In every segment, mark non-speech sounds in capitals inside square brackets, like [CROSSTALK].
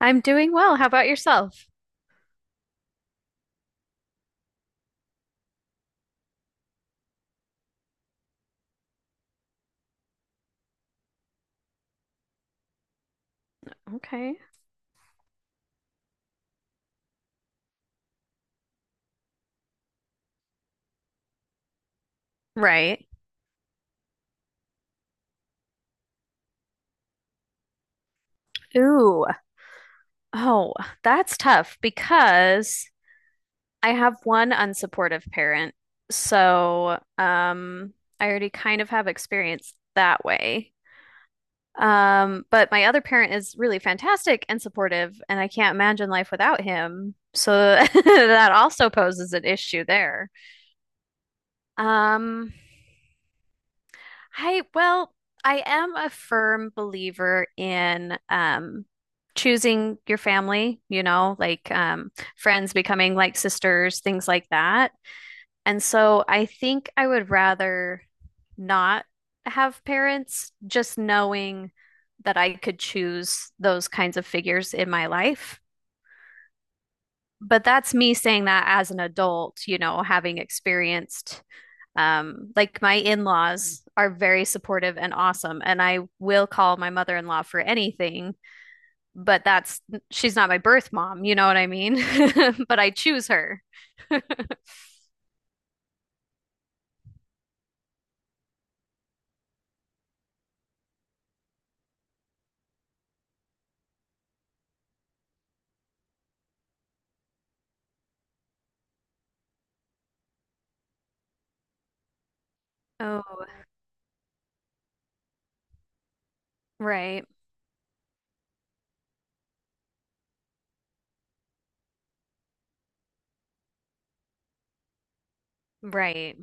I'm doing well. How about yourself? Okay. Right. Ooh. Oh, that's tough because I have one unsupportive parent. So, I already kind of have experience that way. But my other parent is really fantastic and supportive, and I can't imagine life without him. So [LAUGHS] that also poses an issue there. Um, well, I am a firm believer in choosing your family, you know, like friends becoming like sisters, things like that. And so I think I would rather not have parents, just knowing that I could choose those kinds of figures in my life. But that's me saying that as an adult, you know, having experienced like my in-laws are very supportive and awesome, and I will call my mother-in-law for anything, but that's she's not my birth mom, you know what I mean? [LAUGHS] But I choose her. [LAUGHS] Oh, right, right.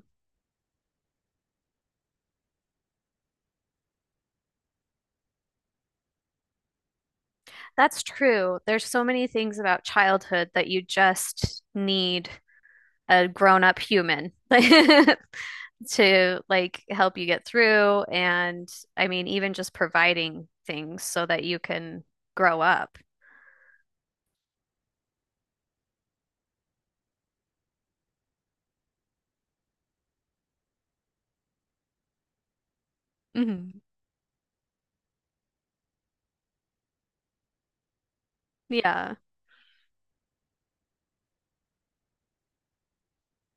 That's true. There's so many things about childhood that you just need a grown-up human [LAUGHS] to like help you get through. And I mean, even just providing things so that you can grow up. Mhm. Yeah.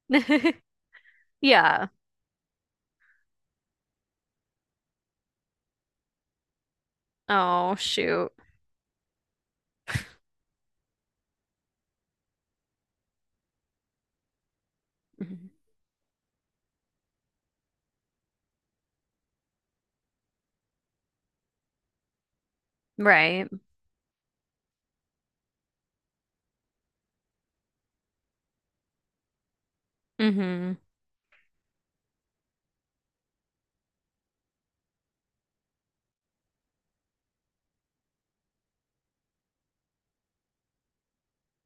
[LAUGHS] Yeah. Oh, shoot. Mhm. Right. hmm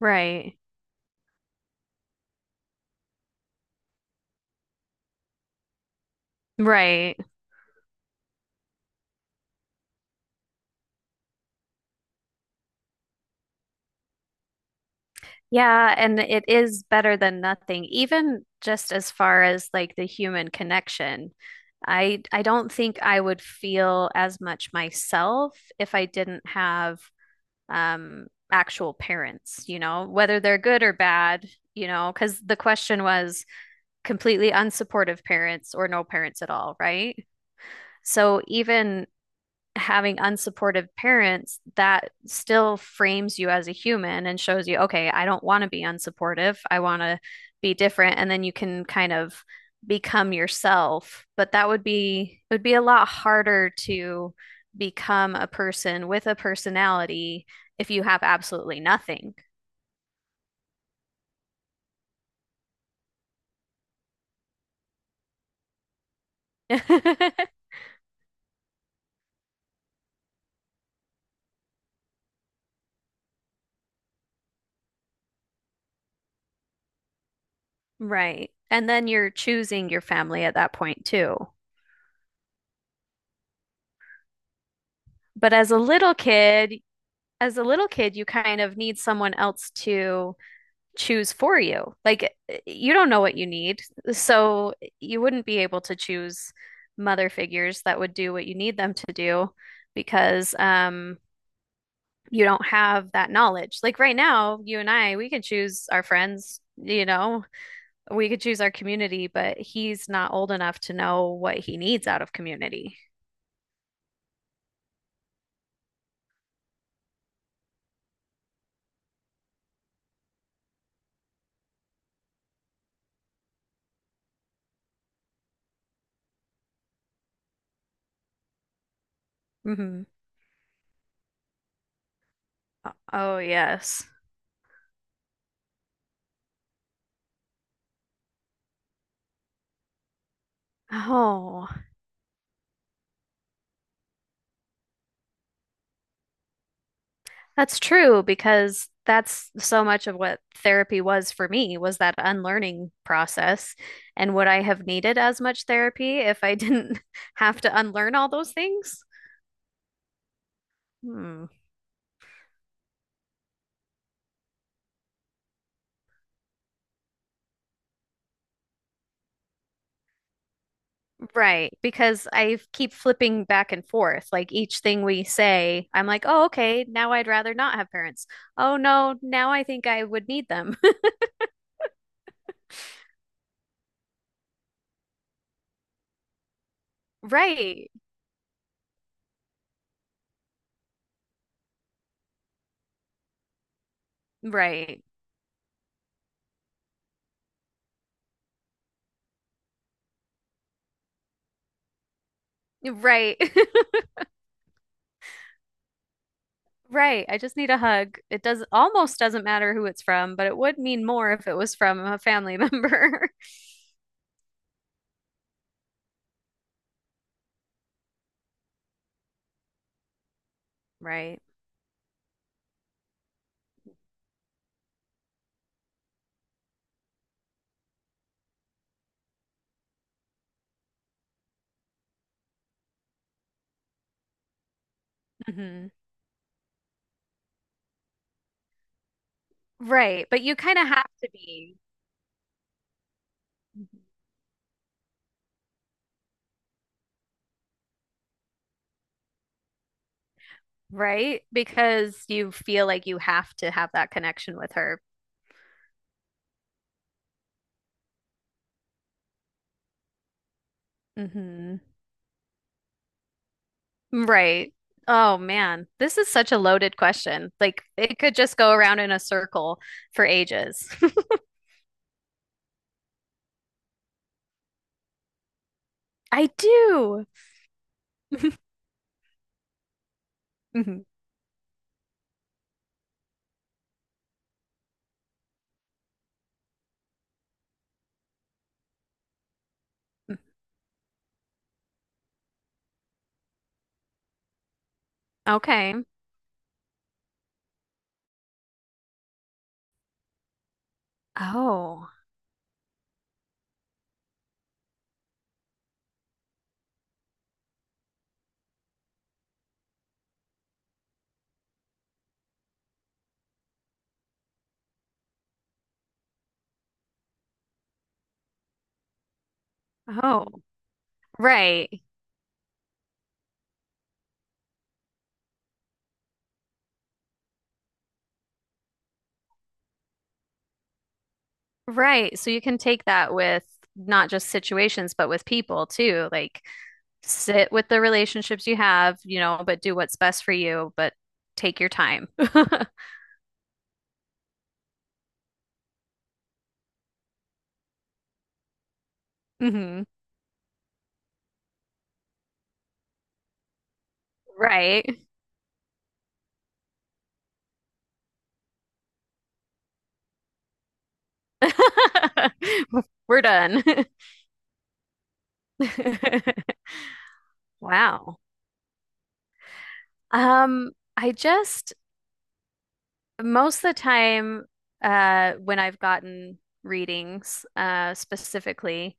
Right. Right. Yeah, and it is better than nothing, even just as far as like the human connection. I don't think I would feel as much myself if I didn't have actual parents, you know, whether they're good or bad, you know, because the question was completely unsupportive parents or no parents at all, right? So even having unsupportive parents, that still frames you as a human and shows you, okay, I don't want to be unsupportive. I want to be different. And then you can kind of become yourself. But that would be, it would be a lot harder to become a person with a personality if you have absolutely nothing. [LAUGHS] Right. And then you're choosing your family at that point too. But as a little kid, as a little kid, you kind of need someone else to choose for you. Like eh, you don't know what you need. So you wouldn't be able to choose mother figures that would do what you need them to do because you don't have that knowledge. Like right now, you and I, we can choose our friends, you know, we could choose our community, but he's not old enough to know what he needs out of community. hmm Oh, yes. Oh, that's true because that's so much of what therapy was for me was that unlearning process. And would I have needed as much therapy if I didn't [LAUGHS] have to unlearn all those things? Hmm. Right, because I keep flipping back and forth. Like each thing we say, I'm like, oh, okay, now I'd rather not have parents. Oh, no, now I think I would need them. [LAUGHS] Right, right, right. [LAUGHS] Right. I just need a hug. It does almost doesn't matter who it's from, but it would mean more if it was from a family [LAUGHS] member. Right. hmm Right. But you kind of have to be, right? Because you feel like you have to have that connection with her. hmm Right. Oh man, this is such a loaded question. Like it could just go around in a circle for ages. [LAUGHS] I do. [LAUGHS] Mhm. Okay. Oh. Oh. Right. Right. So you can take that with not just situations, but with people too. Like sit with the relationships you have, you know, but do what's best for you, but take your time. [LAUGHS] hmm Right. [LAUGHS] We're done. [LAUGHS] Wow. I just Most of the time, when I've gotten readings, specifically,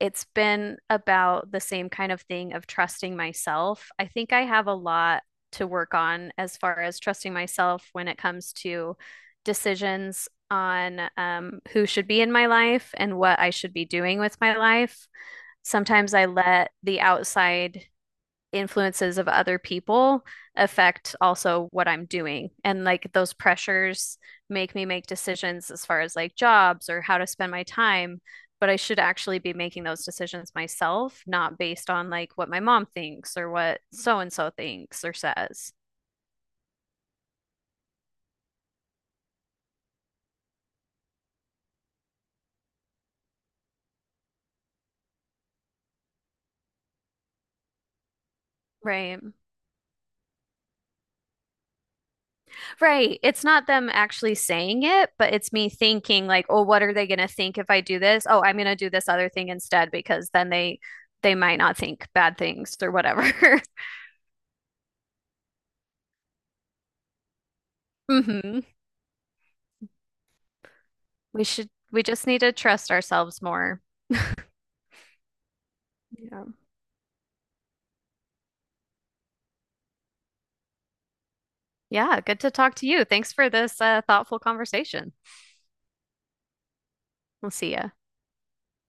it's been about the same kind of thing of trusting myself. I think I have a lot to work on as far as trusting myself when it comes to decisions on who should be in my life and what I should be doing with my life. Sometimes I let the outside influences of other people affect also what I'm doing. And like those pressures make me make decisions as far as like jobs or how to spend my time. But I should actually be making those decisions myself, not based on like what my mom thinks or what so and so thinks or says. Right. Right. It's not them actually saying it, but it's me thinking like, oh, what are they going to think if I do this? Oh, I'm going to do this other thing instead because then they might not think bad things or whatever. [LAUGHS] hmm we just need to trust ourselves more. Yeah. Yeah, good to talk to you. Thanks for this thoughtful conversation. We'll see ya.